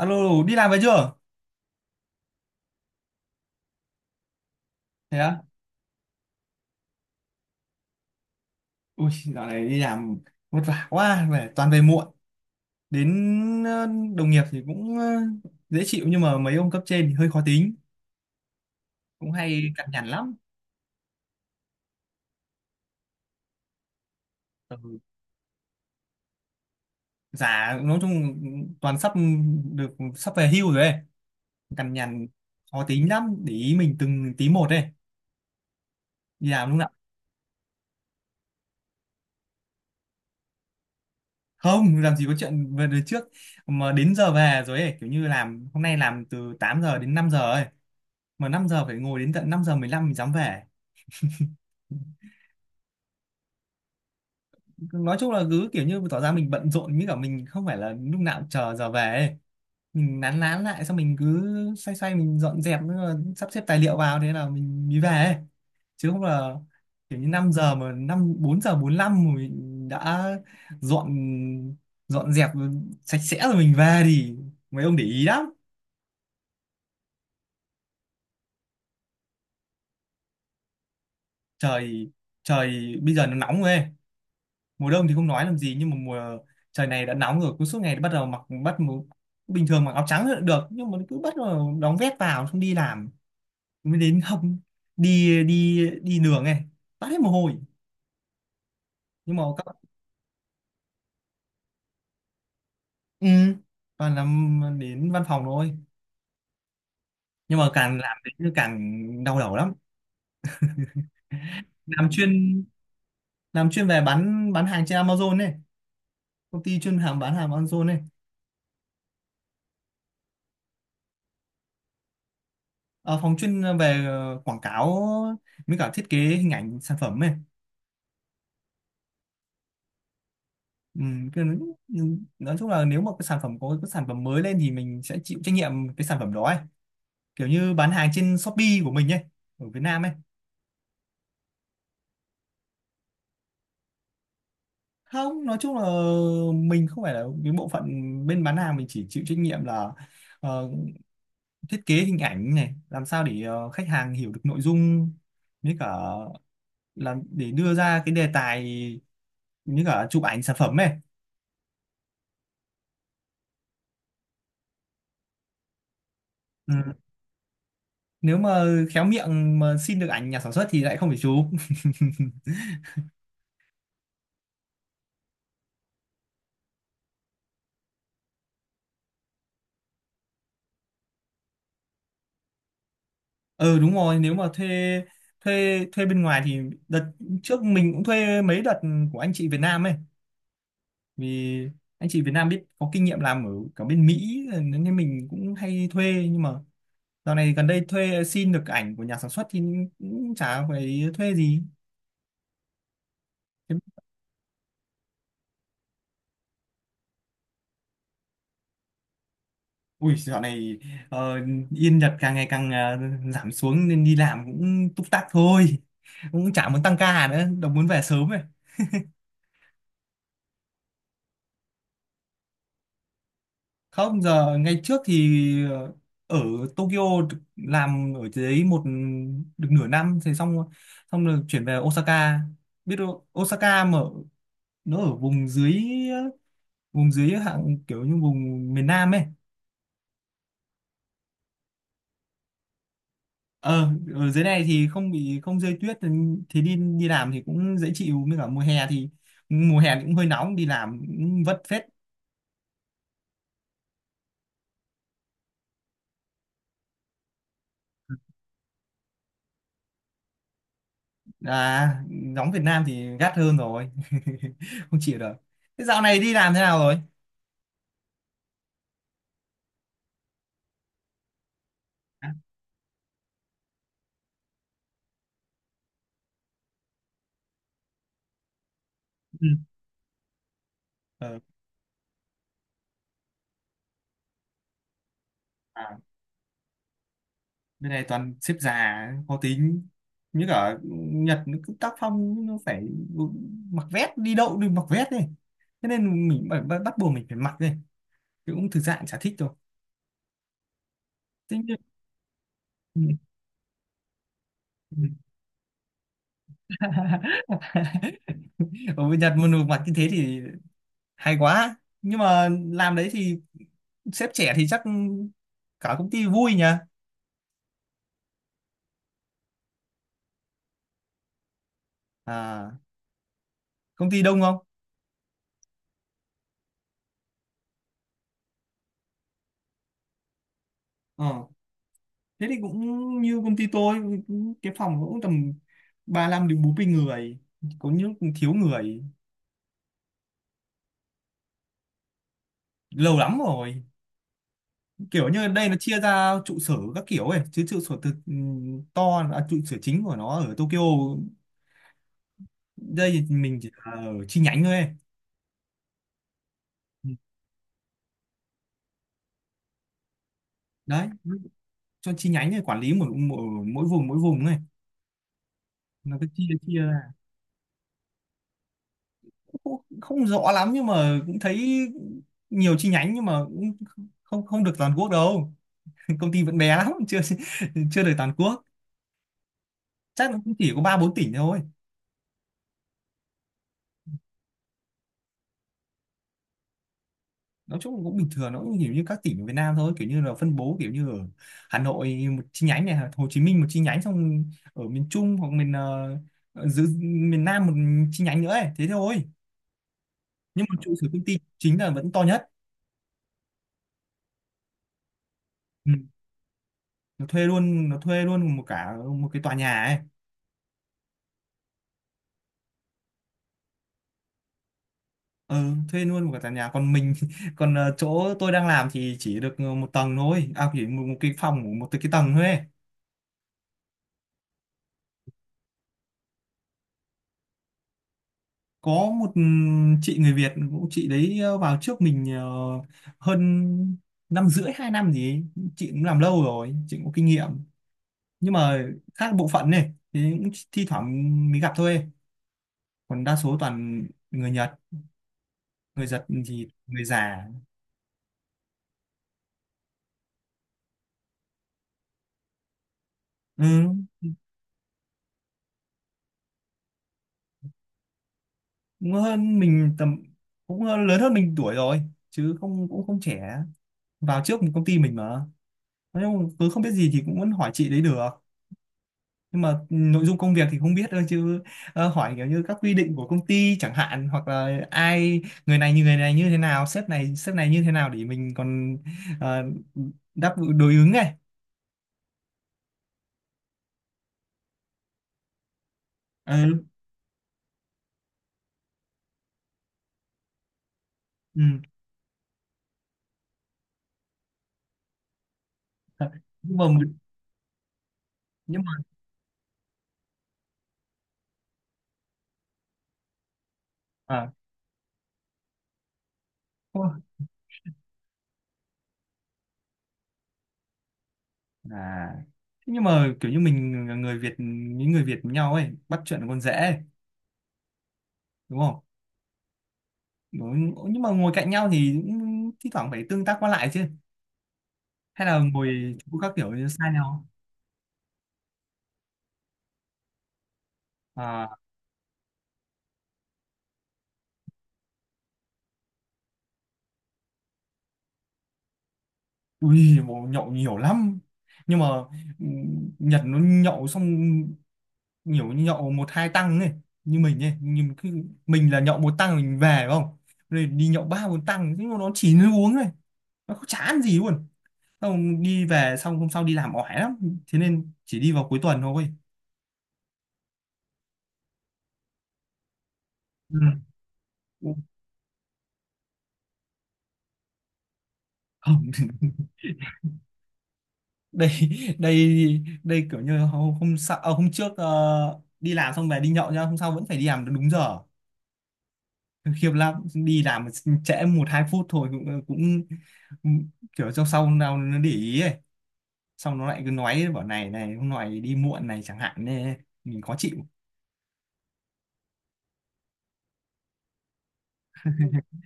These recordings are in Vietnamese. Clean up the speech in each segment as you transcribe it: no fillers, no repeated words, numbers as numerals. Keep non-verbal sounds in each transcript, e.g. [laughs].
Alo, đi làm về chưa? Thế á? Ui, dạo này đi làm vất vả quá, về toàn về muộn. Đến đồng nghiệp thì cũng dễ chịu nhưng mà mấy ông cấp trên thì hơi khó tính, cũng hay cằn nhằn lắm. Ừ. Già nói chung toàn sắp được sắp về hưu rồi ấy, cằn nhằn khó tính lắm, để ý mình từng tí một ấy. Đi làm lúc nào không, làm gì có chuyện về đời trước mà đến giờ về rồi ấy, kiểu như làm hôm nay làm từ 8 giờ đến 5 giờ ấy, mà 5 giờ phải ngồi đến tận 5 giờ 15 mình dám về. Nói chung là cứ kiểu như tỏ ra mình bận rộn với cả mình không phải là lúc nào cũng chờ giờ về ấy. Mình nán nán lại xong mình cứ xoay xoay mình dọn dẹp nữa, sắp xếp tài liệu vào thế là mình mới về ấy. Chứ không là kiểu như 5 giờ mà năm 4 giờ 45 mà mình đã dọn dọn dẹp sạch sẽ rồi mình về thì mấy ông để ý lắm. Trời trời bây giờ nó nóng rồi ấy. Mùa đông thì không nói làm gì nhưng mà mùa trời này đã nóng rồi cứ suốt ngày bắt đầu mặc bình thường mặc áo trắng là được nhưng mà cứ bắt đầu đóng vét vào xong đi làm mới đến không đi đi đi đường này toát hết mồ hôi nhưng mà các ừ, toàn làm đến văn phòng thôi nhưng mà càng làm đến thì càng đau đầu lắm. Làm chuyên làm chuyên về bán hàng trên Amazon này, công ty chuyên hàng bán hàng Amazon này. Ờ, phòng chuyên về quảng cáo với cả thiết kế hình ảnh sản phẩm này. Ừ, cái- nhưng nói chung là nếu mà cái sản phẩm có cái sản phẩm mới lên thì mình sẽ chịu trách nhiệm cái sản phẩm đó ấy, kiểu như bán hàng trên Shopee của mình ấy, ở Việt Nam ấy. Không nói chung là mình không phải là cái bộ phận bên bán hàng, mình chỉ chịu trách nhiệm là ờ, thiết kế hình ảnh này, làm sao để khách hàng hiểu được nội dung với cả làm để đưa ra cái đề tài như cả chụp ảnh sản phẩm ấy. Ừ. Nếu mà khéo miệng mà xin được ảnh nhà sản xuất thì lại không phải chụp. Ừ đúng rồi, nếu mà thuê thuê thuê bên ngoài thì đợt trước mình cũng thuê mấy đợt của anh chị Việt Nam ấy, vì anh chị Việt Nam biết có kinh nghiệm làm ở cả bên Mỹ nên mình cũng hay thuê, nhưng mà dạo này gần đây thuê xin được ảnh của nhà sản xuất thì cũng chả phải thuê gì. Thế- ui dạo này ờ, yên Nhật càng ngày càng giảm xuống nên đi làm cũng túc tắc thôi, cũng chả muốn tăng ca nữa đâu, muốn về sớm ấy. Không giờ ngày trước thì ờ, ở Tokyo làm ở dưới một được nửa năm thì xong, xong rồi chuyển về Osaka. Biết đâu Osaka mà nó ở vùng dưới, vùng dưới hạng kiểu như vùng miền Nam ấy. Ờ ở dưới này thì không bị không rơi tuyết thì đi đi làm thì cũng dễ chịu, với cả mùa hè thì cũng hơi nóng, đi làm cũng vất phết. À nóng Việt Nam thì gắt hơn rồi, [laughs] không chịu được. Thế dạo này đi làm thế nào rồi? À, ừ. Ờ, à, bên này toàn xếp già khó tính, như cả Nhật nó cứ tác phong nó phải mặc vest, đi đâu đều mặc vest đi, thế nên mình phải, bắt bắt buộc mình phải mặc đi, chứ cũng thực ra cũng chả thích đâu. Thế nhưng... [laughs] ở bên Nhật mà được mặc như thế thì hay quá, nhưng mà làm đấy thì sếp trẻ thì chắc cả công ty vui nhỉ. À công ty đông không? Thế thì cũng như công ty tôi, cái phòng cũng tầm 35 đến 40 người, có những cũng thiếu người. Lâu lắm rồi, kiểu như đây nó chia ra trụ sở các kiểu ấy, chứ trụ sở thực ừ, to à, trụ sở chính của nó ở Tokyo, đây thì mình chỉ là ở chi nhánh thôi ấy. Ừ. Đấy cho chi nhánh này quản lý mỗi mỗi, mỗi vùng, mỗi vùng này nó cứ chia chia ra, không, không rõ lắm nhưng mà cũng thấy nhiều chi nhánh, nhưng mà cũng không, không được toàn quốc đâu. [laughs] Công ty vẫn bé lắm, chưa chưa được toàn quốc, chắc nó cũng chỉ có ba bốn tỉnh thôi. Nói chung cũng bình thường, nó cũng kiểu như các tỉnh ở Việt Nam thôi, kiểu như là phân bố kiểu như ở Hà Nội một chi nhánh này, Hồ Chí Minh một chi nhánh, xong ở miền Trung hoặc miền giữa miền Nam một chi nhánh nữa ấy. Thế thôi. Nhưng mà trụ sở công ty chính là vẫn to nhất. Ừ. Nó thuê luôn, nó thuê luôn một cả một cái tòa nhà ấy. Ừ, thuê luôn một cái tòa nhà, còn mình [laughs] còn chỗ tôi đang làm thì chỉ được một tầng thôi à, chỉ một, một cái phòng của một cái tầng thôi ấy. Có một ừ, chị người Việt cũng, chị đấy vào trước mình hơn năm rưỡi hai năm gì ấy. Chị cũng làm lâu rồi, chị cũng có kinh nghiệm, nhưng mà khác bộ phận này thì cũng thi thoảng mới gặp thôi, còn đa số toàn người Nhật, người Nhật thì người già. Ừ, cũng hơn mình tầm cũng lớn hơn mình tuổi rồi, chứ không cũng không trẻ, vào trước một công ty mình mà, nhưng cứ không biết gì thì cũng vẫn hỏi chị đấy được. Nhưng mà nội dung công việc thì không biết thôi, chứ hỏi kiểu như các quy định của công ty chẳng hạn, hoặc là ai người này như thế nào, sếp này như thế nào, để mình còn ờ, đáp đối ứng này. Ừ, ừ. Nhưng mà nhưng mà à, thôi. À. Thế nhưng mà kiểu như mình là người Việt, những người Việt với nhau ấy, bắt chuyện còn dễ ấy, đúng không? Đúng. Nhưng mà ngồi cạnh nhau thì cũng thi thoảng phải tương tác qua lại chứ, hay là ngồi chỗ các kiểu như xa nhau? À? Ui, bố nhậu nhiều lắm. Nhưng mà ừ, Nhật nó nhậu xong nhiều, nhậu một hai tăng này, như mình ấy, nhưng cứ mình là nhậu một tăng mình về phải không? Rồi đi nhậu ba bốn tăng, nhưng mà nó chỉ nó uống này. Nó không chả ăn gì luôn. Xong đi về xong hôm sau đi làm oải lắm. Thế nên chỉ đi vào cuối tuần thôi. Ừ. Không. [laughs] Đây đây đây kiểu như hôm hôm, sau, à, hôm trước ờ, đi làm xong về đi nhậu nhá, hôm sau vẫn phải đi làm đúng giờ. Khiếp lắm, đi làm trễ một hai phút thôi cũng, cũng kiểu trong sau nào nó để ý ấy, xong nó lại cứ nói bảo này này hôm nay đi muộn này chẳng hạn, nên mình khó chịu. [laughs]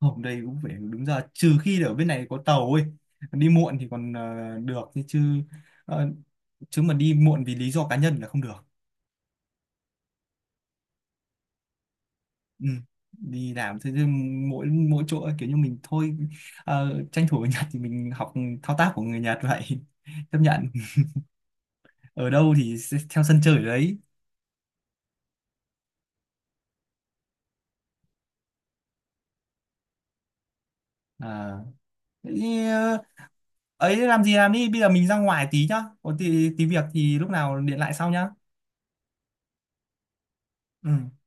Hôm đây cũng phải đúng giờ, trừ khi ở bên này có tàu ấy, đi muộn thì còn được chứ, ờ, chứ mà đi muộn vì lý do cá nhân là không được. Ừ. Đi làm thế chứ, mỗi mỗi chỗ ấy, kiểu như mình thôi, ờ, tranh thủ ở Nhật thì mình học thao tác của người Nhật vậy, [laughs] chấp nhận ở đâu thì sẽ theo sân chơi ở đấy. À thế thì, ờ, ấy làm gì làm đi, bây giờ mình ra ngoài tí nhá, có tí, tí việc thì lúc nào điện lại sau nhá. Ừ.